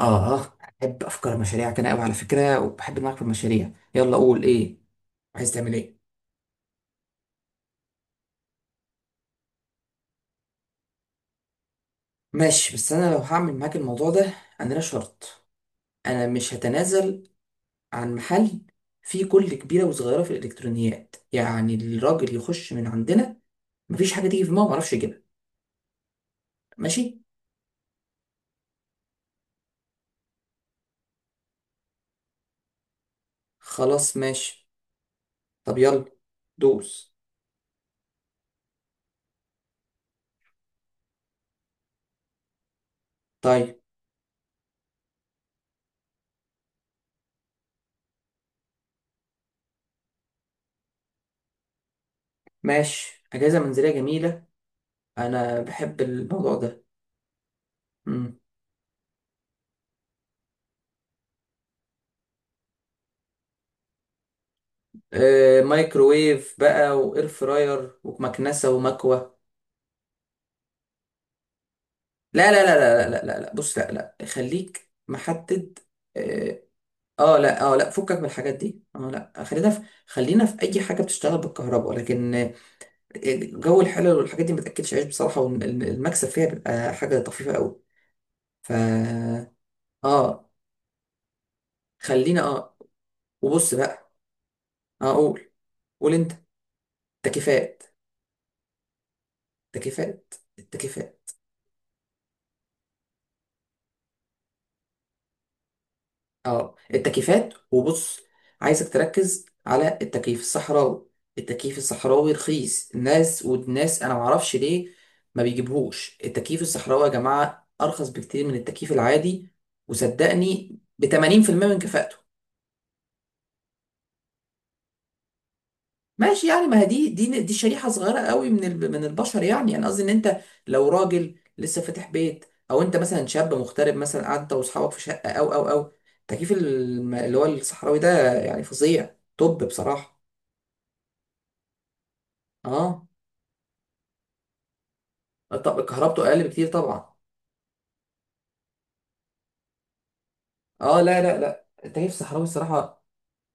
اه. بحب افكار المشاريع كده قوي على فكره، وبحب معاك في المشاريع. يلا قول ايه عايز تعمل ايه؟ ماشي، بس انا لو هعمل معاك الموضوع ده، انا لا شرط. انا مش هتنازل عن محل فيه كل كبيره وصغيره في الالكترونيات. يعني الراجل يخش من عندنا مفيش حاجه تيجي في دماغه ما اعرفش يجيبها. ماشي. خلاص ماشي. طب يلا دوس. طيب ماشي، اجازه منزليه جميله. انا بحب الموضوع ده. مايكروويف بقى، واير فراير ومكنسه ومكوه. لا لا لا لا لا لا لا، بص، لا لا، خليك محدد. اه. لا اه لا، فكك من الحاجات دي. اه لا، خلينا في اي حاجه بتشتغل بالكهرباء، لكن جو الحلل والحاجات دي ما تاكلش عيش بصراحه، والمكسب فيها بيبقى حاجه طفيفه قوي. ف اه. خلينا اه. وبص بقى. هقول قول انت. تكييفات. التكييفات. اه التكييفات، وبص، عايزك تركز على التكييف الصحراوي. التكييف الصحراوي رخيص. الناس انا معرفش ليه ما بيجيبهوش التكييف الصحراوي. يا جماعة ارخص بكتير من التكييف العادي. وصدقني ب 80% من كفاءته. ماشي يعني، ما هي دي شريحة صغيرة قوي من من البشر. يعني انا قصدي ان انت لو راجل لسه فاتح بيت، او انت مثلا شاب مغترب، مثلا قاعد انت واصحابك في شقة، او تكييف اللي هو الصحراوي ده يعني فظيع، طب بصراحة. اه. طب كهربته اقل بكتير طبعا. اه لا لا لا، التكييف الصحراوي الصراحة.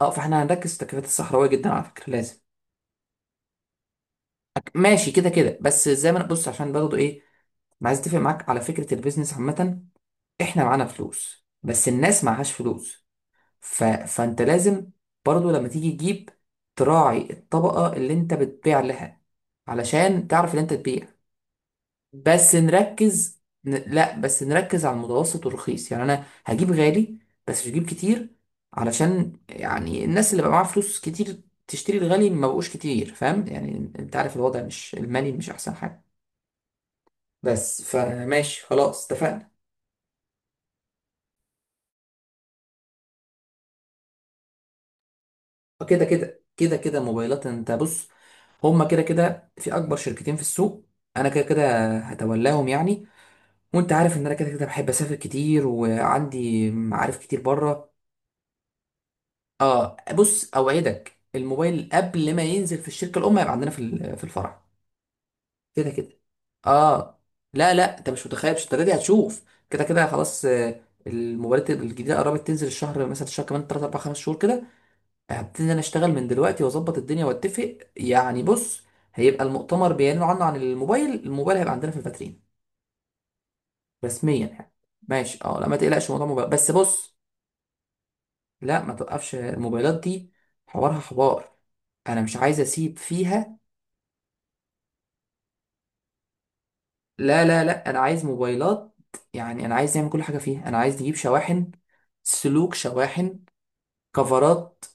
اه فاحنا هنركز في التكييفات الصحراوية جدا على فكرة، لازم. ماشي كده كده، بس زي ما انا بص، عشان برضه ايه، ما عايز اتفق معاك على فكرة البيزنس عامة. احنا معانا فلوس بس الناس معهاش فلوس. فانت لازم برضو لما تيجي تجيب تراعي الطبقة اللي انت بتبيع لها، علشان تعرف ان انت تبيع. بس نركز ن... لا بس نركز على المتوسط والرخيص. يعني انا هجيب غالي بس مش هجيب كتير، علشان يعني الناس اللي بقى معاها فلوس كتير تشتري الغالي ما بقوش كتير. فاهم يعني، انت عارف الوضع مش المالي مش احسن حاجة. بس فماشي خلاص اتفقنا. كده كده موبايلات. انت بص، هما كده كده في اكبر شركتين في السوق. انا كده كده هتولاهم يعني، وانت عارف ان انا كده كده بحب اسافر كتير وعندي معارف كتير بره. اه بص، اوعدك الموبايل قبل ما ينزل في الشركه الام هيبقى عندنا في في الفرع. كده كده. اه. لا لا، انت مش متخيل، مش انت دي هتشوف. كده كده خلاص. الموبايلات الجديده قربت تنزل الشهر، مثلا الشهر كمان 3 4 5 شهور كده. هبتدي انا اشتغل من دلوقتي واظبط الدنيا واتفق. يعني بص، هيبقى المؤتمر بيعلنوا عنه عن الموبايل، الموبايل هيبقى عندنا في الفاترين رسميا يعني. ماشي اه، لا ما تقلقش موضوع الموبايل. بس بص، لا ما توقفش الموبايلات دي، حوارها حوار، انا مش عايز اسيب فيها. لا لا لا، انا عايز موبايلات. يعني انا عايز نعمل كل حاجه فيها. انا عايز نجيب شواحن، سلوك، شواحن، كفرات،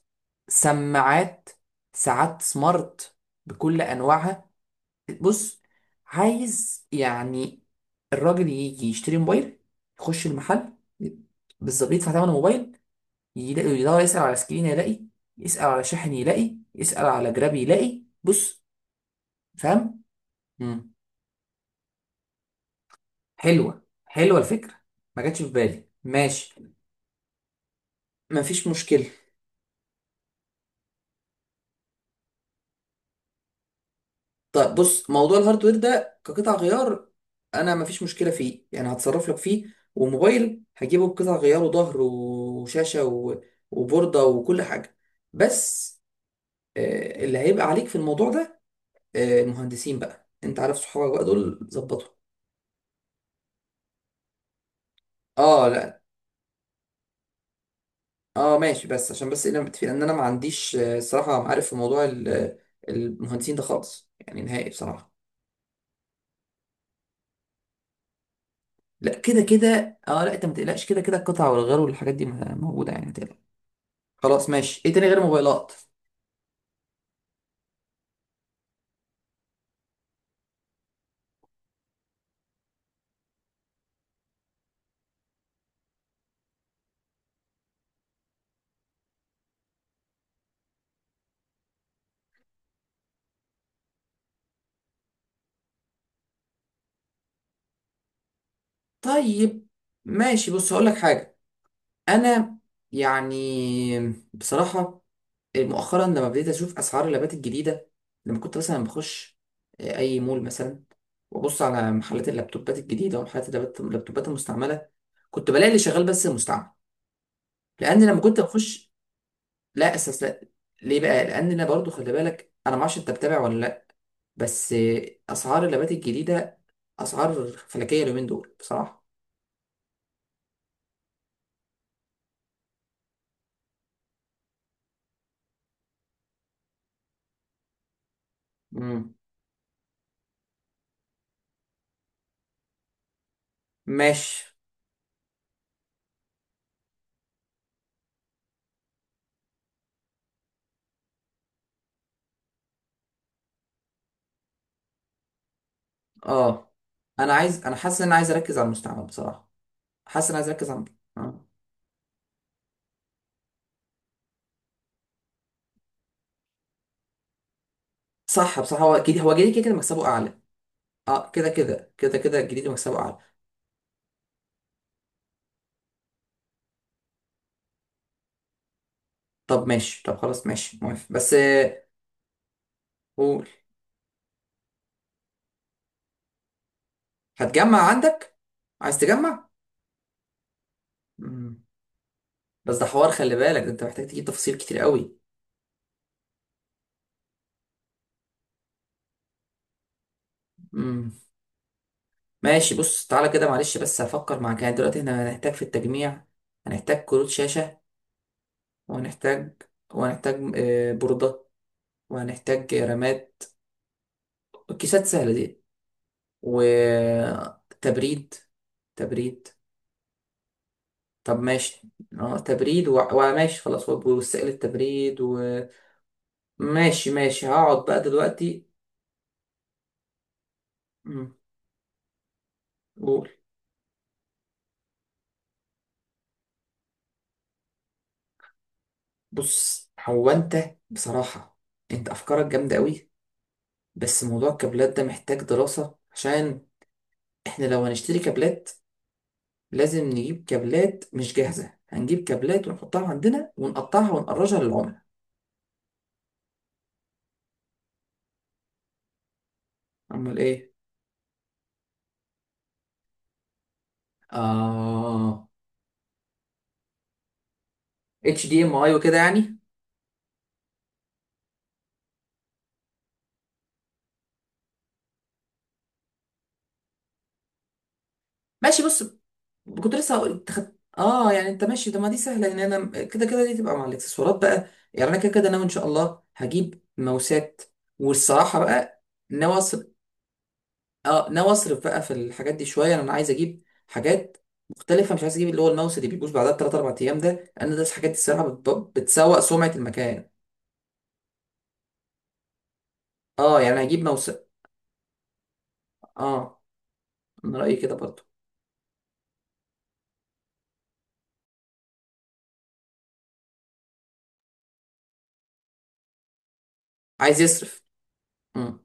سماعات، ساعات سمارت بكل انواعها. بص، عايز يعني الراجل يجي يشتري موبايل، يخش المحل بالظبط يدفع ثمن الموبايل، يلاقي، يدور يسأل على سكرين يلاقي، يسأل على شاحن يلاقي، يسأل على جراب يلاقي. بص فاهم. مم. حلوة حلوة الفكرة. ما جاتش في بالي، ماشي. مفيش مشكلة. طيب بص، موضوع الهاردوير ده كقطع غيار انا مفيش مشكله فيه، يعني هتصرف لك فيه. وموبايل هجيبه بقطع غيار، وظهر وشاشه وبورده وكل حاجه. بس اللي هيبقى عليك في الموضوع ده، المهندسين بقى، انت عارف صحابك بقى دول، ظبطهم. اه لا. اه ماشي، بس عشان بس انا متفق ان انا ما عنديش، الصراحه، عارف، في موضوع المهندسين ده خالص يعني نهائي بصراحه. لا كده كده. اه لا، انت ما تقلقش، كده كده القطع والغيار والحاجات دي موجوده، يعني ما تقلقش. خلاص ماشي. ايه تاني غير موبايلات؟ طيب ماشي، بص هقول لك حاجه. انا يعني بصراحه مؤخرا لما بديت اشوف اسعار اللابات الجديده، لما كنت مثلا بخش اي مول مثلا، وابص على محلات اللابتوبات الجديده ومحلات اللابتوبات المستعمله، كنت بلاقي اللي شغال بس المستعمل. لان لما كنت بخش، لا اساس لا. ليه بقى؟ لان انا برضو خلي بالك، انا ما اعرفش انت بتابع ولا لا، بس اسعار اللابات الجديده، اسعار فلكيه اليومين دول بصراحه. مم. ماشي. اه انا عايز، انا حاسس ان انا عايز اركز على المستعمل بصراحه. حاسس ان انا عايز اركز على آه. صح بصراحه، هو اكيد هو جديد كده كده مكسبه اعلى. اه كده كده الجديد مكسبه اعلى. طب ماشي، طب خلاص ماشي موافق، بس قول. هتجمع عندك؟ عايز تجمع. مم. بس ده حوار خلي بالك، ده انت محتاج تجيب تفاصيل كتير قوي. مم. ماشي بص، تعالى كده معلش بس هفكر معاك. يعني دلوقتي احنا هنحتاج في التجميع، هنحتاج كروت شاشه، وهنحتاج وهنحتاج بوردات، وهنحتاج رامات. الكيسات سهلة دي. وتبريد. تبريد. طب ماشي، اه تبريد وماشي خلاص، وسائل التبريد. وماشي ماشي، هقعد بقى دلوقتي. مم، قول. بص هو انت بصراحة انت افكارك جامدة قوي. بس موضوع الكابلات ده محتاج دراسة، عشان احنا لو هنشتري كابلات لازم نجيب كابلات مش جاهزة. هنجيب كابلات ونحطها عندنا ونقطعها ونقرجها للعملاء. امال ايه. اه، اتش دي ام اي وكده يعني. ماشي بص، كنت لسه هقول اه، يعني انت ماشي، ده ما دي سهله، ان انا كده كده دي تبقى مع الاكسسوارات بقى. يعني انا كده كده ناوي ان شاء الله هجيب ماوسات. والصراحه بقى ناوي اصرف، اه ناوي اصرف بقى في الحاجات دي شويه. يعني انا عايز اجيب حاجات مختلفه، مش عايز اجيب اللي هو الماوس اللي بيبوظ بعدها بثلاث اربع ايام ده، انا ده الحاجات دي الصراحه بتسوق سمعه المكان. اه يعني هجيب ماوس. اه انا رايي كده برضو. عايز يصرف. امم.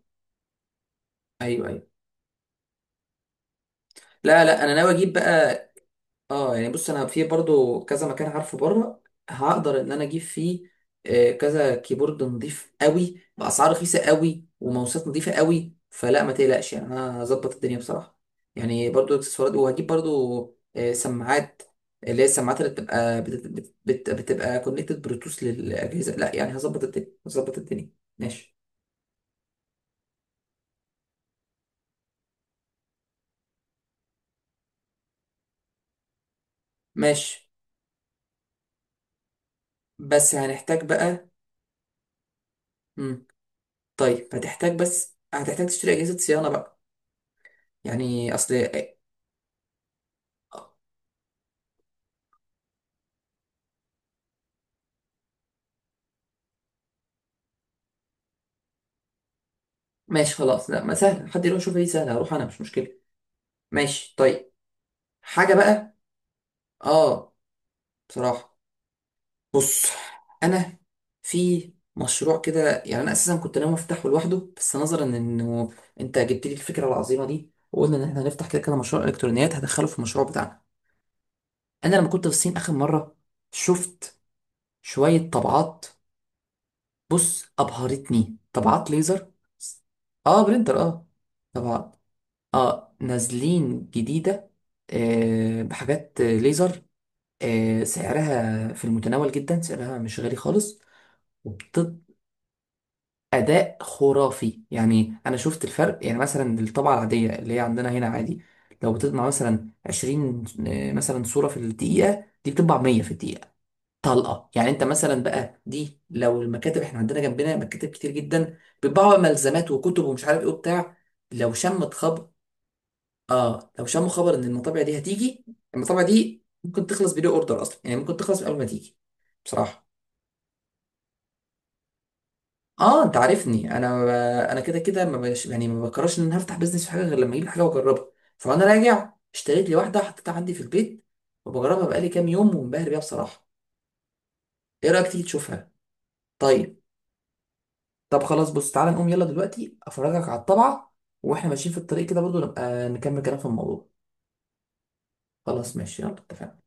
ايوه ايوه. لا لا، انا ناوي اجيب بقى. اه يعني بص، انا في برضو كذا مكان عارفه بره هقدر ان انا اجيب فيه كذا كيبورد نضيف قوي باسعار رخيصه قوي وماوسات نضيفه قوي. فلا ما تقلقش، يعني انا هظبط الدنيا بصراحه. يعني برضو اكسسوارات، وهجيب برضو سماعات، اللي هي السماعات اللي بتبقى بت- بت- بت- بتبقى كونكتد بلوتوث للاجهزه. لا يعني هظبط الدنيا، هظبط الدنيا. ماشي. ماشي بس هنحتاج بقى. مم. طيب هتحتاج، بس هتحتاج تشتري اجهزه صيانه بقى. يعني اصل. ماشي خلاص، لا ما سهل حد يروح يشوف ايه سهل، هروح انا مش مشكله. ماشي طيب. حاجه بقى. اه بصراحه، بص انا في مشروع كده، يعني انا اساسا كنت ناوي افتحه لوحده، بس نظرا انه انت جبت لي الفكره العظيمه دي وقلنا ان احنا هنفتح كده كده مشروع الكترونيات، هدخله في المشروع بتاعنا. انا لما كنت في الصين اخر مره شفت شويه طبعات. بص ابهرتني طبعات ليزر. اه برينتر، اه طبعا. اه نازلين جديدة، آه بحاجات ليزر. آه سعرها في المتناول جدا، سعرها مش غالي خالص. وبتدي أداء خرافي. يعني أنا شفت الفرق يعني، مثلا الطبعة العادية اللي هي عندنا هنا عادي لو بتطبع مثلا 20 مثلا صورة في الدقيقة، دي بتطبع 100 في الدقيقة طلقة. يعني انت مثلا بقى دي لو المكاتب، احنا عندنا جنبنا مكاتب كتير جدا بيطبعوا ملزمات وكتب ومش عارف ايه وبتاع، لو شمت اه لو شموا خبر ان المطابع دي هتيجي، المطابع دي ممكن تخلص بدون اوردر اصلا، يعني ممكن تخلص قبل ما تيجي بصراحه. اه انت عارفني، انا انا كده كده ما بش... يعني ما بكررش ان انا هفتح بيزنس في حاجه غير لما اجيب حاجه واجربها. فانا راجع اشتريت لي واحده، حطيتها عندي في البيت وبجربها بقالي كام يوم، ومنبهر بيها بصراحه. ايه رايك تيجي تشوفها؟ طيب. طب خلاص بص تعالى نقوم يلا دلوقتي افرجك على الطبعه، واحنا ماشيين في الطريق كده برضو نبقى نكمل كلام في الموضوع. خلاص ماشي يلا اتفقنا.